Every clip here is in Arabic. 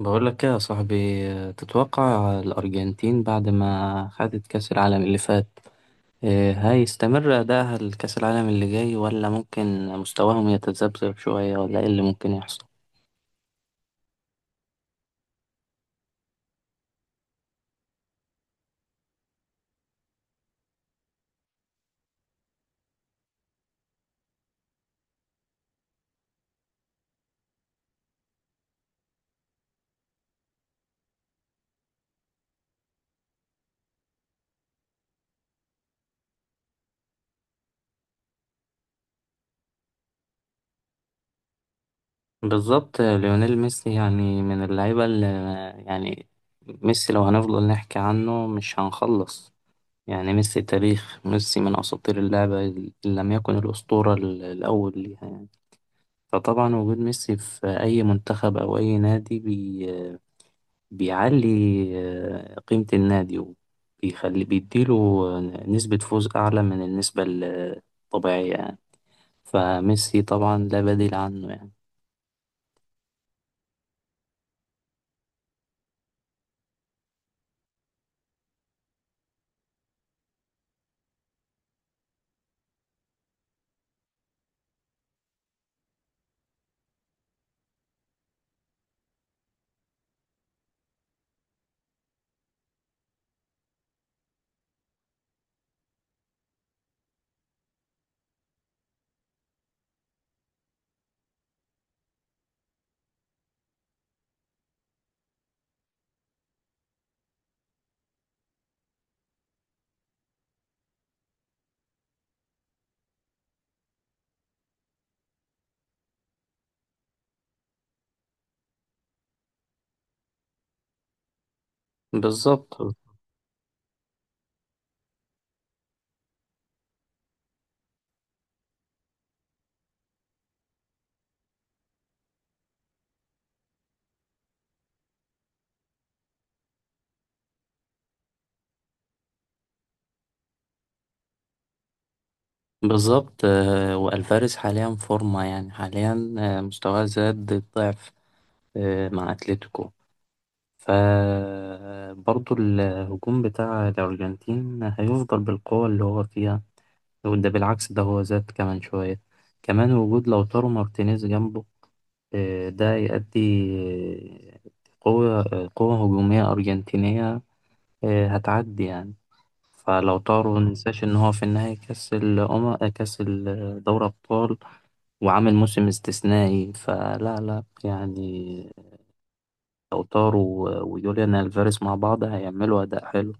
بقول لك ايه يا صاحبي، تتوقع الأرجنتين بعد ما خدت كأس العالم اللي فات هيستمر أداءها لكأس العالم اللي جاي، ولا ممكن مستواهم يتذبذب شوية، ولا ايه اللي ممكن يحصل؟ بالظبط. ليونيل ميسي يعني من اللعيبة اللي يعني ميسي، لو هنفضل نحكي عنه مش هنخلص. يعني ميسي، تاريخ ميسي، من أساطير اللعبة، إن لم يكن الأسطورة الأول ليها يعني. فطبعا وجود ميسي في أي منتخب أو أي نادي بيعلي قيمة النادي، وبيخلي بيديله نسبة فوز أعلى من النسبة الطبيعية يعني. فميسي طبعا لا بديل عنه يعني. بالظبط بالظبط. والفاريز حاليا فورمة، يعني حاليا مستواه زاد الضعف مع أتلتيكو. فبرضه الهجوم بتاع الأرجنتين هيفضل بالقوة اللي هو فيها، وده بالعكس ده هو زاد كمان شوية. كمان وجود لوتارو مارتينيز جنبه ده يؤدي آه، قوة قوة هجومية أرجنتينية هتعدي يعني. فلو طاروا مننساش إن هو في النهاية كأس الأمم، كأس دوري أبطال، وعامل موسم استثنائي، فلا لا يعني. لو طاروا ويوليان ألفاريز مع بعض هيعملوا أداء حلو.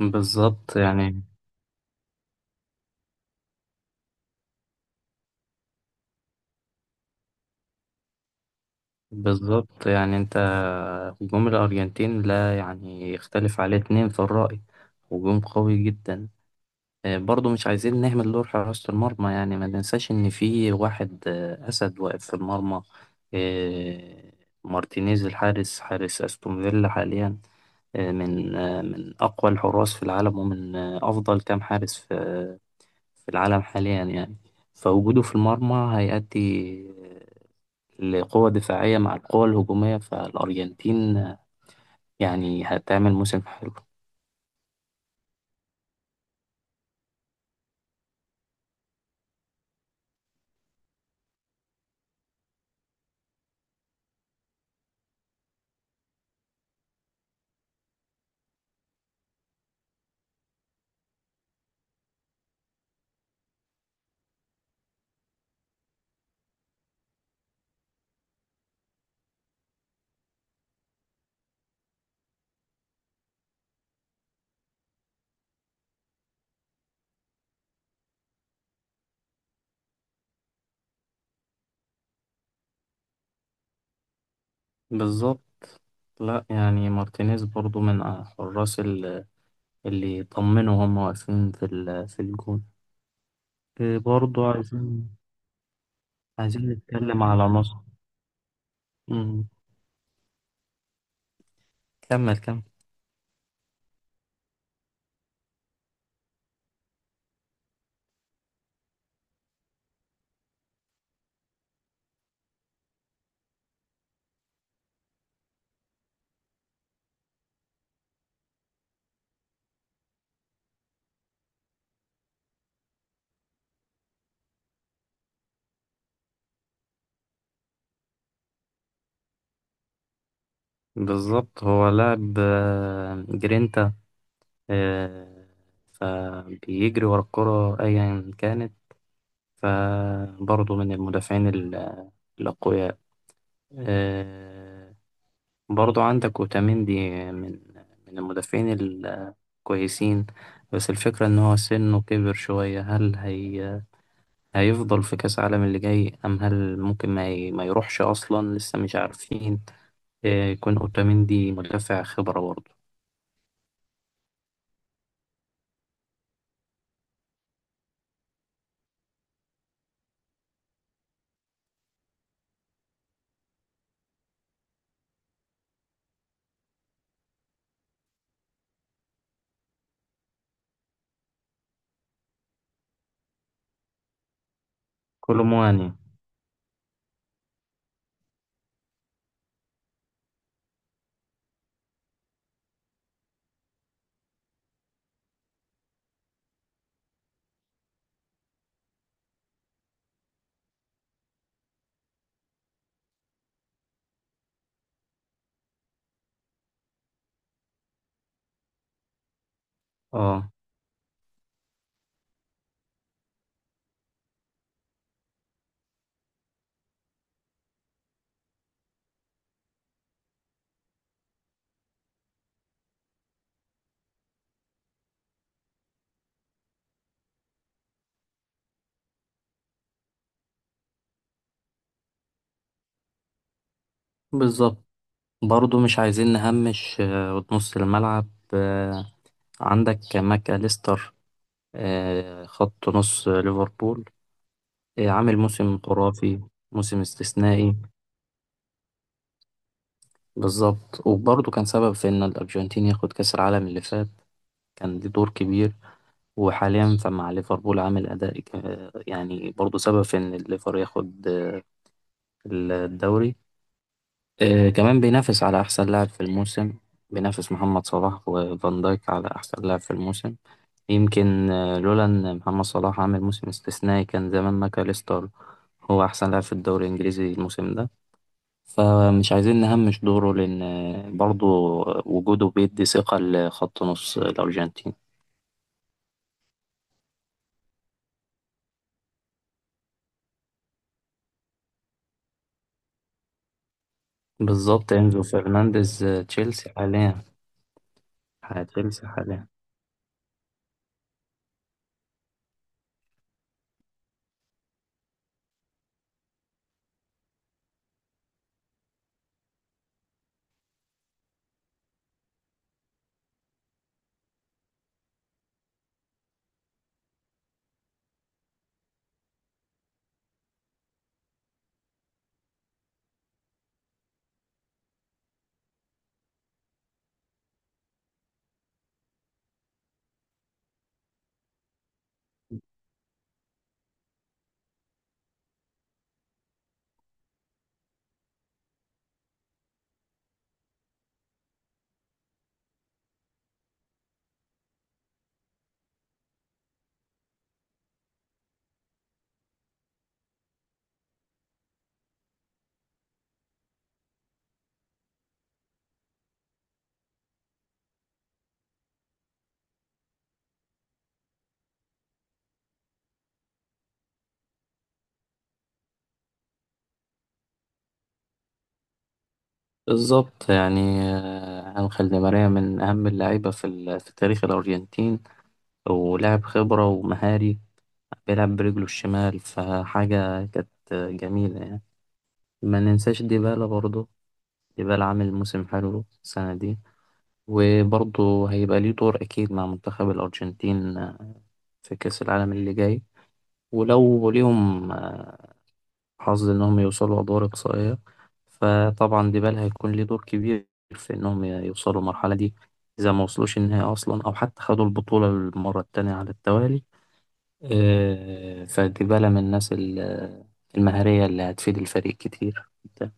بالظبط. بالظبط يعني أنت هجوم الأرجنتين لا يعني يختلف عليه اتنين في الرأي. هجوم قوي جدا. برضو مش عايزين نهمل دور حراسة المرمى، يعني ما ننساش إن في واحد أسد واقف في المرمى. آه، مارتينيز الحارس، حارس أستون فيلا حاليا، من أقوى الحراس في العالم، ومن أفضل كام حارس في في العالم حاليا يعني. فوجوده في المرمى هيؤدي لقوة دفاعية مع القوة الهجومية. فالأرجنتين يعني هتعمل موسم حلو. بالظبط. لا يعني مارتينيز برضو من حراس اللي يطمنوا هم واقفين في في الجون. إيه برضو عايزين عايزين نتكلم على نصر. مم. كمل. بالظبط، هو لاعب جرينتا، آه، فبيجري ورا الكرة أيا كانت. فبرضه من المدافعين الأقوياء. آه، برضه عندك أوتاميندي، من من المدافعين الكويسين، بس الفكرة إن هو سنه كبر شوية. هل هي هيفضل في كأس العالم اللي جاي؟ أم هل ممكن ما يروحش أصلا؟ لسه مش عارفين. يكون أوتاميندي مدافع خبرة برضه. كولومواني. اه، بالظبط. برضه مش عايزين نهمش نص الملعب. آه، عندك ماك أليستر، خط نص ليفربول، عامل موسم خرافي. موسم استثنائي بالظبط، وبرضه كان سبب في إن الأرجنتين ياخد كأس العالم اللي فات، كان ليه دور كبير. وحاليا فمع ليفربول عامل أداء يعني برضه سبب في إن الليفر ياخد الدوري. كمان بينافس على أحسن لاعب في الموسم، بينافس محمد صلاح وفان دايك على أحسن لاعب في الموسم. يمكن لولا إن محمد صلاح عامل موسم استثنائي، كان زمان ماكاليستر هو أحسن لاعب في الدوري الإنجليزي الموسم ده. فمش عايزين نهمش دوره، لأن برضه وجوده بيدي ثقة لخط نص الأرجنتين. بالظبط، انزو فرنانديز تشيلسي حاليا. هتمسح عليها. بالظبط يعني أنخيل دي ماريا من أهم اللعيبة في تاريخ الأرجنتين، ولاعب خبرة ومهاري، بيلعب برجله الشمال، فحاجة كانت جميلة يعني. ما ننساش ديبالا برضه، ديبالا عامل موسم حلو السنة دي، وبرضه هيبقى ليه دور أكيد مع منتخب الأرجنتين في كأس العالم اللي جاي. ولو ليهم حظ إنهم يوصلوا أدوار إقصائية، فطبعا ديبال هيكون ليه دور كبير في إنهم يوصلوا المرحلة دي، إذا ما وصلوش النهائي أصلا، أو حتى خدوا البطولة المرة التانية على التوالي. فديبالا من الناس المهارية اللي هتفيد الفريق كتير جدا.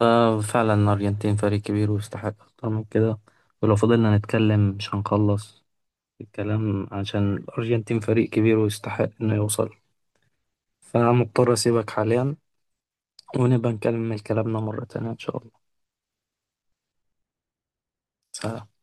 ففعلا الأرجنتين فريق كبير ويستحق أكتر من كده، ولو فضلنا نتكلم مش هنخلص الكلام، عشان الأرجنتين فريق كبير ويستحق إنه يوصل. فمضطر أسيبك حاليا، ونبقى نكمل كلامنا مرة تانية إن شاء الله. سلام.